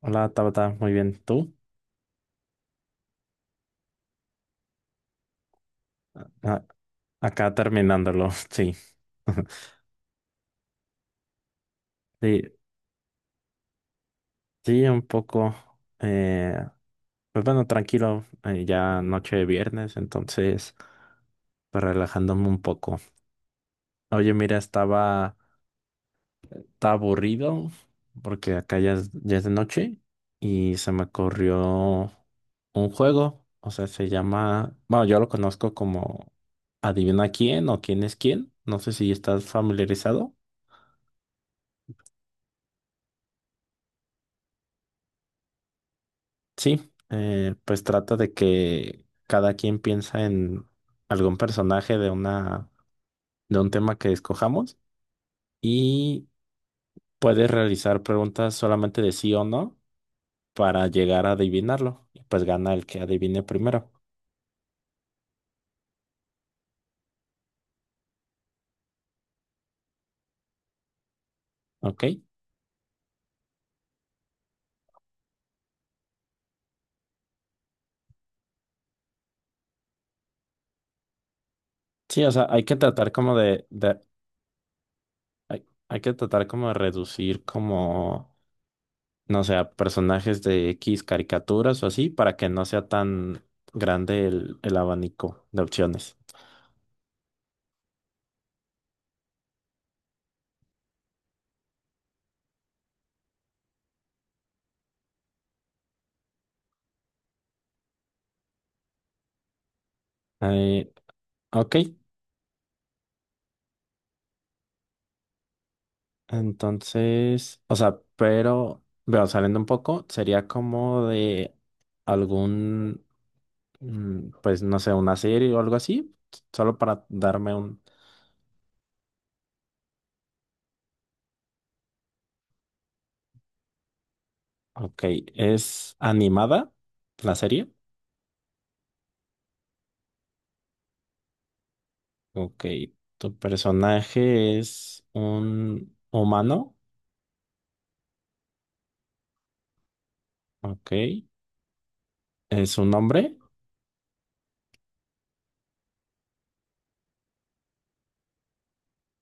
Hola, Tabata, muy bien. ¿Tú? Ah, acá terminándolo, sí. Sí, sí, un poco. eh, pues bueno, tranquilo, ya noche de viernes, entonces, pues relajándome un poco. Oye, mira, estaba aburrido porque acá ya es de noche y se me ocurrió un juego, o sea, se llama, bueno, yo lo conozco como Adivina quién o quién es quién. No sé si estás familiarizado. Sí, pues trata de que cada quien piensa en algún personaje de un tema que escojamos y puedes realizar preguntas solamente de sí o no para llegar a adivinarlo. Y pues gana el que adivine primero. ¿Ok? Sí, o sea, hay que tratar hay que tratar como de reducir como, no sé, a personajes de X caricaturas o así para que no sea tan grande el abanico de opciones. Eh, ok. Entonces, o sea, pero, bueno, saliendo un poco, sería como de algún, pues no sé, una serie o algo así, solo para darme un... Ok, ¿es animada la serie? Ok, ¿tu personaje es un humano? Ok, ¿es un hombre?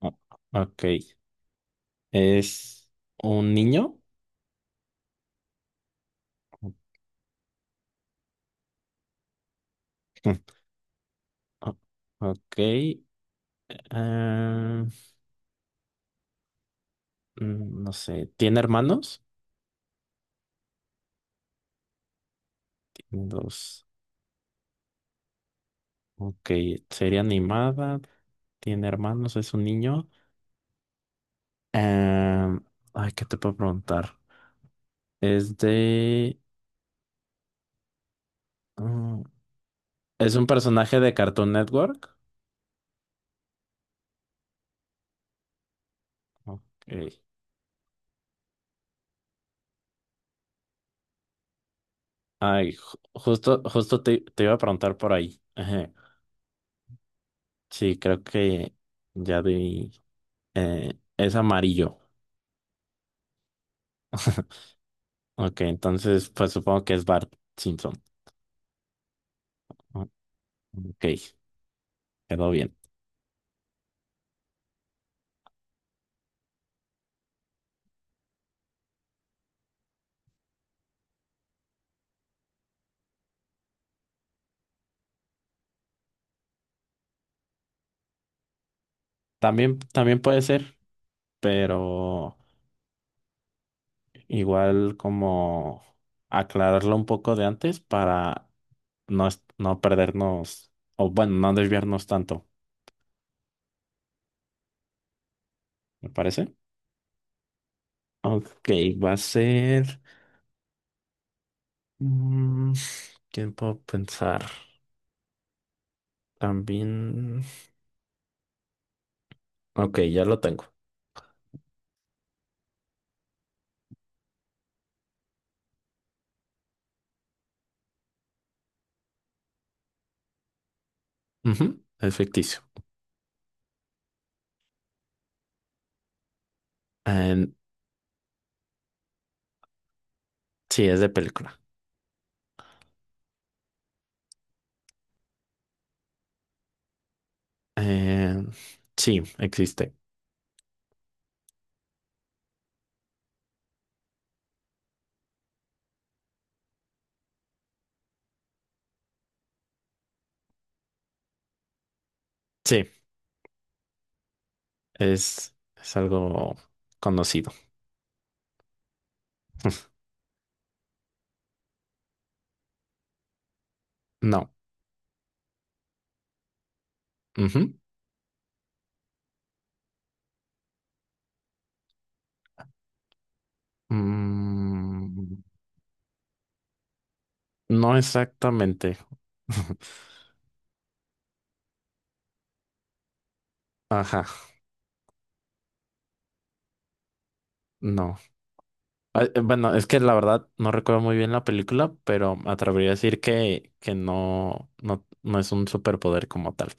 O- Ok, ¿es un niño? Mm, o- Ok, ah, no sé, ¿tiene hermanos? Tiene dos. Ok, sería animada. Tiene hermanos, es un niño. Em, ay, ¿qué te puedo preguntar? Es de... mm, ¿es un personaje de Cartoon Network? Ok. Ay, justo te iba a preguntar por ahí. Ajá. Sí, creo que ya di... es amarillo. Ok, entonces pues supongo que es Bart Simpson. Ah, ok, quedó bien. También, también puede ser, pero igual como aclararlo un poco de antes para no, no perdernos, o bueno, no desviarnos tanto, ¿me parece? Ok, va a ser mm, tiempo a pensar. También. Ok, ya lo tengo. Ujú, es ficticio. Eh, sí, es de película. Eh, sí, existe. Sí, es algo conocido. No. Ujú. Mm, No exactamente. Ajá, no. Ah, bueno, es que la verdad no recuerdo muy bien la película, pero me atrevería a decir que no, no, no es un superpoder como tal.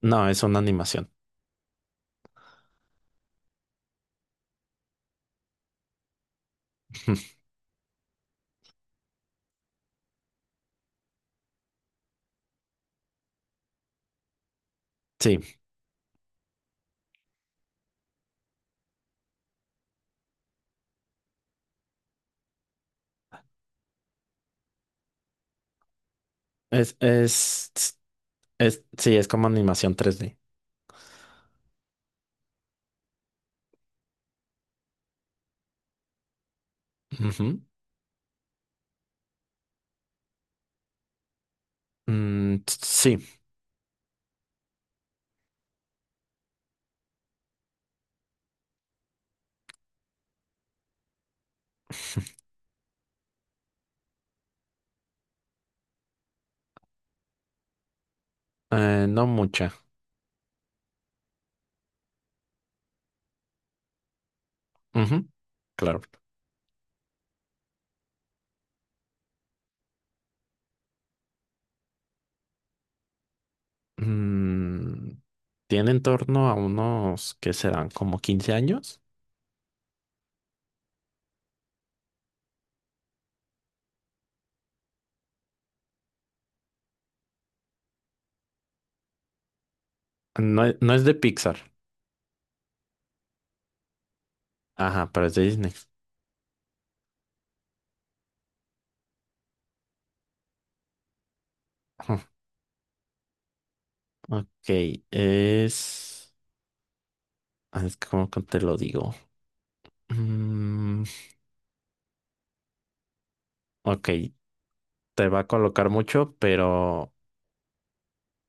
No, es una animación. Sí, es, es, sí, es como animación 3D. Ujú. Sí, no mucha. Ujú, claro. Mm, tiene en torno a unos que serán como 15 años. No, no es de Pixar. Ajá, pero es de Disney. Ujú, ok, es... es que como que te lo digo. Mm, ok, te va a colocar mucho, pero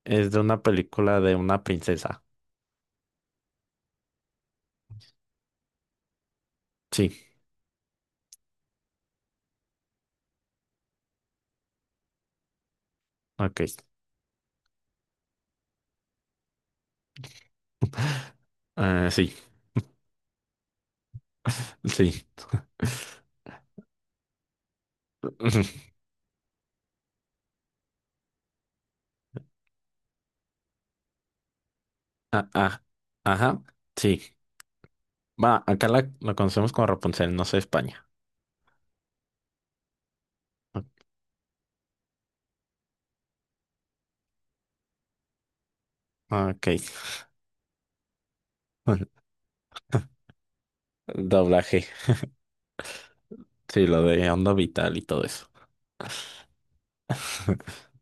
es de una película de una princesa. Sí, ok. Ah, sí, sí. Ujú, ah, ah, ajá, sí. Va, acá la conocemos como Rapunzel, no sé España. Ah, ok. Doblaje. Sí, lo de Onda Vital y todo eso.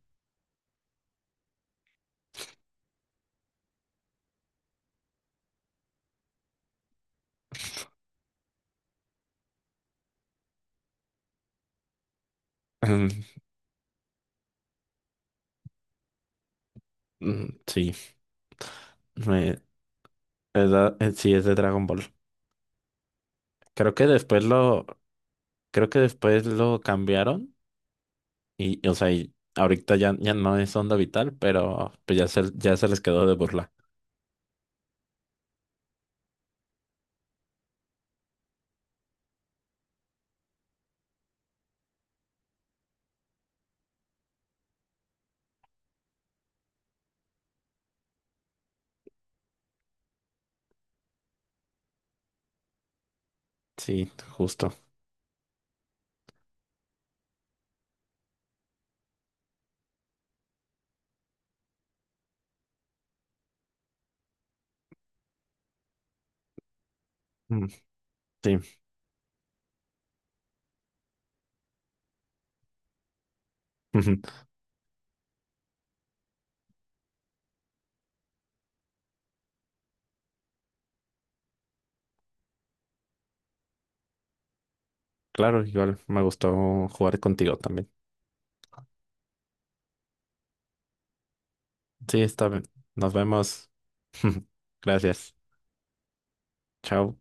Mm, Sí. Sí, es de Dragon Ball. Creo que después lo, creo que después lo cambiaron y, o sea, y ahorita ya no es Onda Vital, pero pues ya se les quedó de burla. Sí, justo. Mm, sí, claro, igual me gustó jugar contigo también. Sí, está bien. Nos vemos. Gracias. Chao.